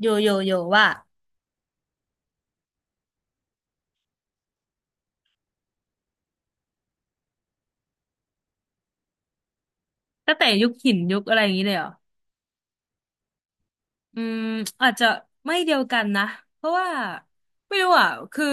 โยโยโยว่าตั้งแต่ยุคหินยุคอะไรอย่างนี้เลยเหรออืมอาจจะไม่เดียวกันนะเพราะว่าไม่รู้อ่ะคือ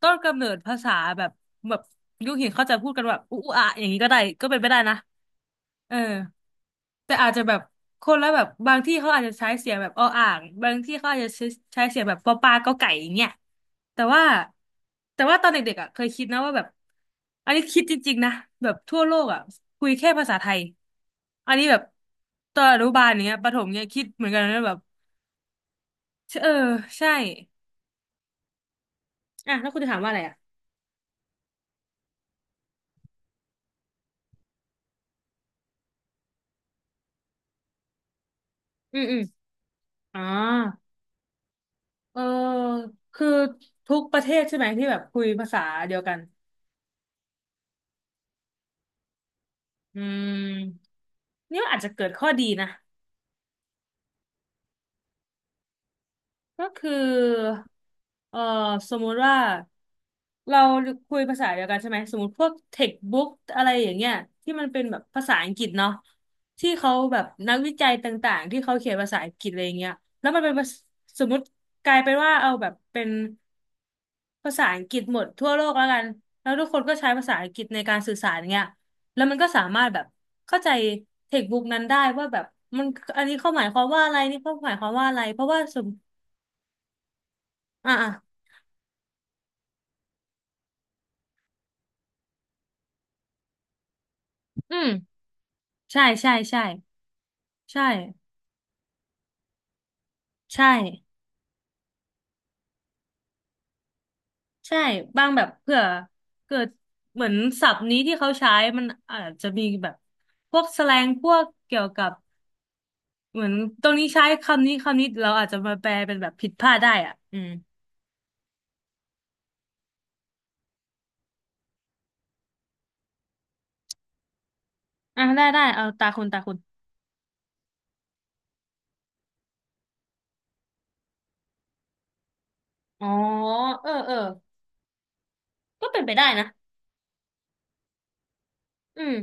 ต้นกำเนิดภาษาแบบแบบยุคหินเขาจะพูดกันแบบอุอะอย่างนี้ก็ได้ก็เป็นไปได้นะ เออแต่อาจจะแบบคนละแบบบางที่เขาอาจจะใช้เสียงแบบออ่างบางที่เขาอาจจะใช้เสียงแบบปอปลาก็ไก่อย่างเงี้ยแต่ว่าแต่ว่าตอนเด็กๆอ่ะเคยคิดนะว่าแบบอันนี้คิดจริงๆนะแบบทั่วโลกอ่ะคุยแค่ภาษาไทยอันนี้แบบตอนอนุบาลอย่างเงี้ยประถมเนี้ยคิดเหมือนกันนะแบบเออใช่อ่ะแล้วคุณจะถามว่าอะไรอ่ะอืมอืมอ๋อเออคือทุกประเทศใช่ไหมที่แบบคุยภาษาเดียวกัน อืมนี่ว่าอาจจะเกิดข้อดีนะ ก็คือ เอ่อสมมุติว่าเราคุยภาษาเดียวกันใช่ไหม สมมติพวกเทคบุ๊กอะไรอย่างเงี้ยที่มันเป็นแบบภาษาอังกฤษเนาะที่เขาแบบนักวิจัยต่างๆที่เขาเขียนภาษาอังกฤษอะไรอย่างเงี้ยแล้วมันเป็นภาษสมมติกลายเป็นว่าเอาแบบเป็นภาษาอังกฤษหมดทั่วโลกแล้วกันแล้วทุกคนก็ใช้ภาษาอังกฤษในการสื่อสารเงี้ยแล้วมันก็สามารถแบบเข้าใจเทคบุ๊กนั้นได้ว่าแบบมันอันนี้เขาหมายความว่าอะไรนี่เขาหมายความว่าอะไรเพราะว่าสม อ่าอ่ะอืม ใช่ใช่ใช่ใช่ใช่ใช่บางแบบเผื่อเกิดเหมือนศัพท์นี้ที่เขาใช้มันอาจจะมีแบบพวกแสแลงพวกเกี่ยวกับเหมือนตรงนี้ใช้คำนี้คำนี้เราอาจจะมาแปลเป็นแบบผิดพลาดได้อ่ะอืม อ่ะได้ได้เอาตาคุณตาคุณอ๋อเออเออก็เป็นไปได้นะอืม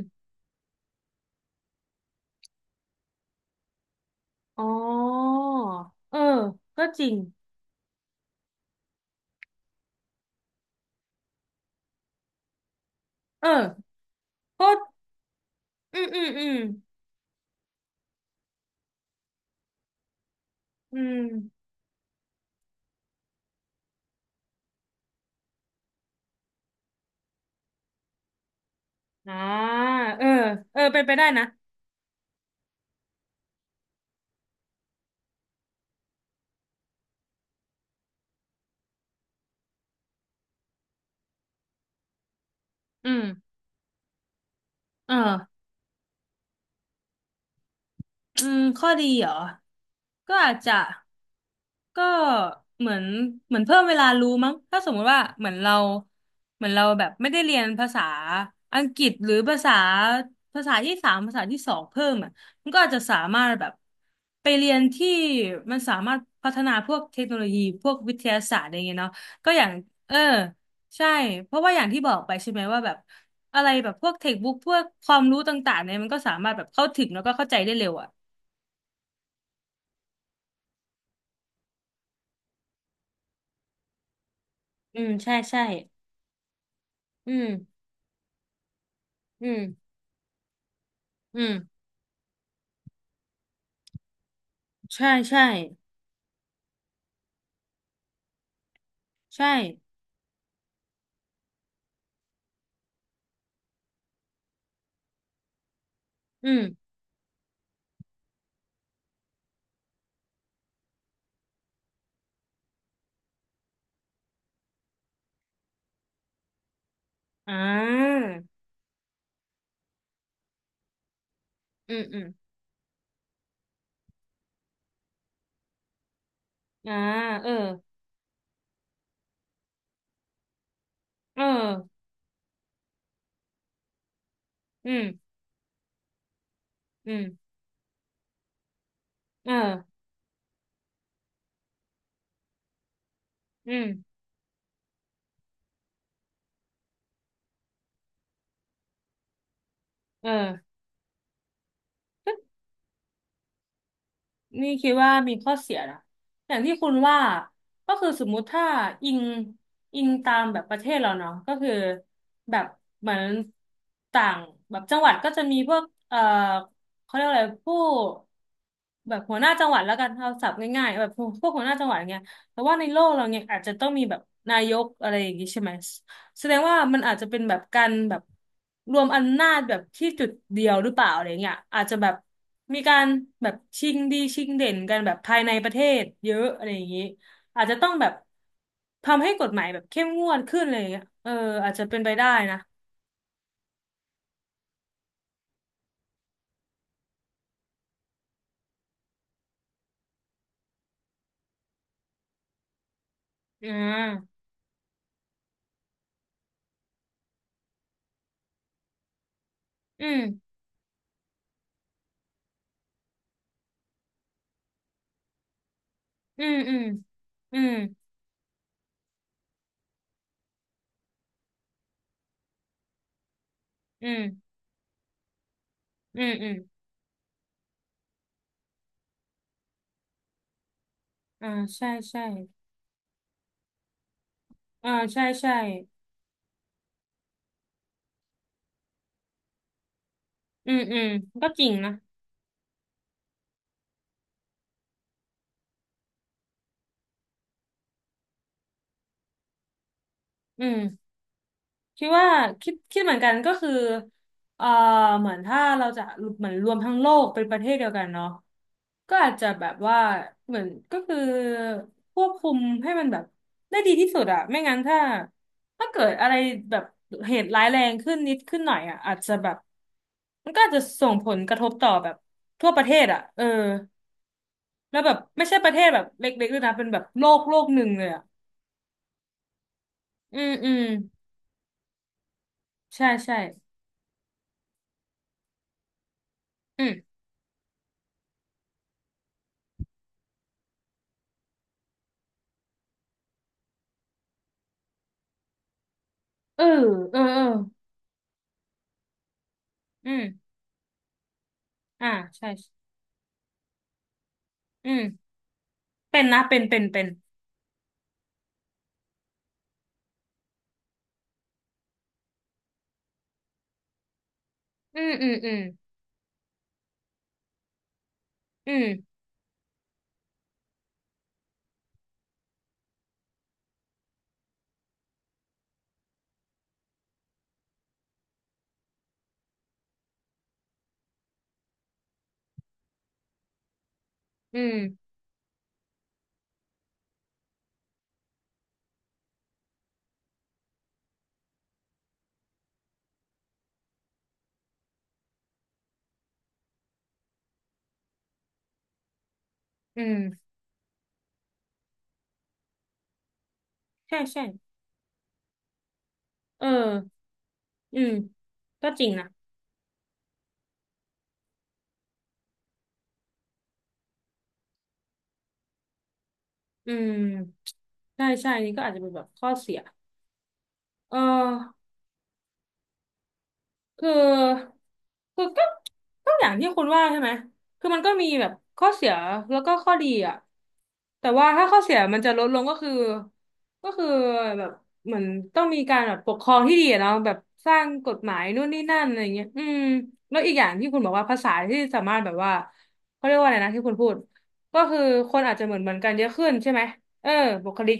อ๋อเออก็จริงเออก็อืมอืมอืมอืมอ่าเออเออเป็นไปได้นะ อืมเอออืมข้อดีเหรอก็อาจจะ ก็เหมือนเพิ่มเวลารู้มั้งถ้าสมมุติว่าเหมือนเราเหมือนเราแบบไม่ได้เรียนภาษาอังกฤษหรือภาษาที่สามภาษาที่สองเพิ่มอ่ะมันก็อาจจะสามารถแบบไปเรียนที่มันสามารถพัฒนาพวกเทคโนโลยีพวกวิทยาศาสตร์อะไรเงี้ยเนาะก็อย่างเออใช่เพราะว่าอย่างที่บอกไปใช่ไหมว่าแบบอะไรแบบพวกเทคบุ๊กพวกความรู้ต่างๆเนี่ยมันก็สามารถแบบเข้าถึงแล้วก็เข้าใจได้เร็วอ่ะอืมใช่ใช่อืมอืมอืม ใช่ใช่ใช่อืมอ่าอืมอืมอ่าเออเอออืมอืมเอออืมเออ นี่คิดว่ามีข้อเสียนะอย่างที่คุณว่าก็คือสมมุติถ้าอิงตามแบบประเทศเราเนาะก็คือแบบเหมือนต่างแบบจังหวัดก็จะมีพวกเขาเรียกอะไรผู้แบบหัวหน้าจังหวัดแล้วกันเอาศัพท์ง่ายๆแบบพวกหัวหน้าจังหวัดอย่างเงี้ยแต่ว่าในโลกเราเนี่ยอาจจะต้องมีแบบนายกอะไรอย่างงี้ใช่ไหม แสดงว่ามันอาจจะเป็นแบบการแบบรวมอำนาจแบบที่จุดเดียวหรือเปล่าอะไรเงี้ยอาจจะแบบมีการแบบชิงดีชิงเด่นกันแบบภายในประเทศเยอะอะไรอย่างนี้อาจจะต้องแบบทำให้กฎหมายแบบเข้มงวดขึ้นอะไรเงี้ยเอออาจจะเป็นไปได้นะอ่าอืมอืมอืมอืมอืมอืมอืมอ่าใช่ใช่อ่าใช่ใช่อืมอืมก็จริงนะอืม คิดว่าคิดเหมือนกันก็คือเอ่อเหมือนถ้าเราจะเหมือนรวมทั้งโลกเป็นประเทศเดียวกันเนาะก็อาจจะแบบว่าเหมือนก็คือควบคุมให้มันแบบได้ดีที่สุดอะไม่งั้นถ้าเกิดอะไรแบบเหตุร้ายแรงขึ้นนิดขึ้นหน่อยอะอาจจะแบบมันก็อาจจะส่งผลกระทบต่อแบบทั่วประเทศอะเออ แล้วแบบไม่ใช่ประเทศแบบเล็กๆด้วยนะเป็นแบบโลกโลกหนึ่งเลยอะอืมอืมใช่ใช่อืมเออเออเออ อืมอ่าใช่อืมเป็นนะเป็นเป็นเป็นอืมอืมอืมอืมอืมอืมใช่ใช่เอออืมก็จริงนะอืมใช่ใช่นี่ก็อาจจะเป็นแบบข้อเสียเออ คือคือก็ก็อย่างที่คุณว่าใช่ไหมคือมันก็มีแบบข้อเสียแล้วก็ข้อดีอ่ะแต่ว่าถ้าข้อเสียมันจะลดลงก็คือก็คือแบบเหมือนต้องมีการแบบปกครองที่ดีอะเนาะแบบสร้างกฎหมายนู่นนี่นั่นอะไรเงี้ยอืมแล้วอีกอย่างที่คุณบอกว่าภาษาที่สามารถแบบว่าเขาเรียกว่าอะไรนะที่คุณพูด ก็คือคนอาจจะเหมือนกันเยอะขึ้นใช่ไหมเออบุคลิก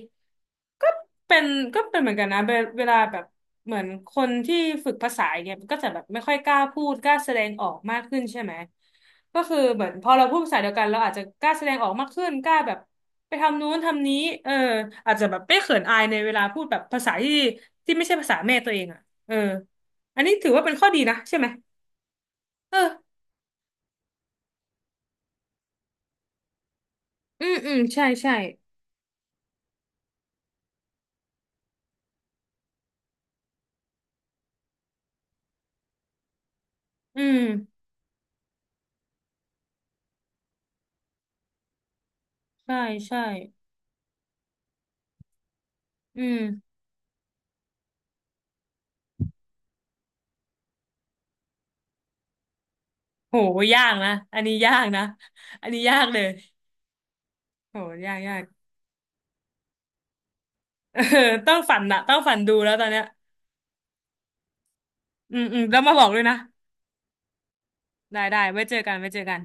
ก็เป็นก็เป็นเหมือนกันนะเวเวลาแบบเหมือนคนที่ฝึกภาษาอย่างเนี่ยมันก็จะแบบไม่ค่อยกล้าพูดกล้าแสดงออกมากขึ้นใช่ไหมก็คือเหมือนพอเราพูดภาษาเดียวกันเราอาจจะกล้าแสดงออกมากขึ้นกล้าแบบไปทำนู้นทำนี้เอออาจจะแบบไม่เขินอายในเวลาพูดแบบภาษาที่ไม่ใช่ภาษาแม่ตัวเองอ่ะเอออันนี้ถือว่าเป็นข้อดีนะใช่ไหมเอออืมอืมใช่ใช่อืมใช่ใช่อืม โหยากนะ อันนี้ยากนะ อันนี้ยากเลย โหยากยาก เออต้องฝันนะต้องฝันดูแล้วตอนเนี้ยอืมอืมแล้วมาบอกด้วยนะ ได้ได้ไว้เจอกันไว้เจอกัน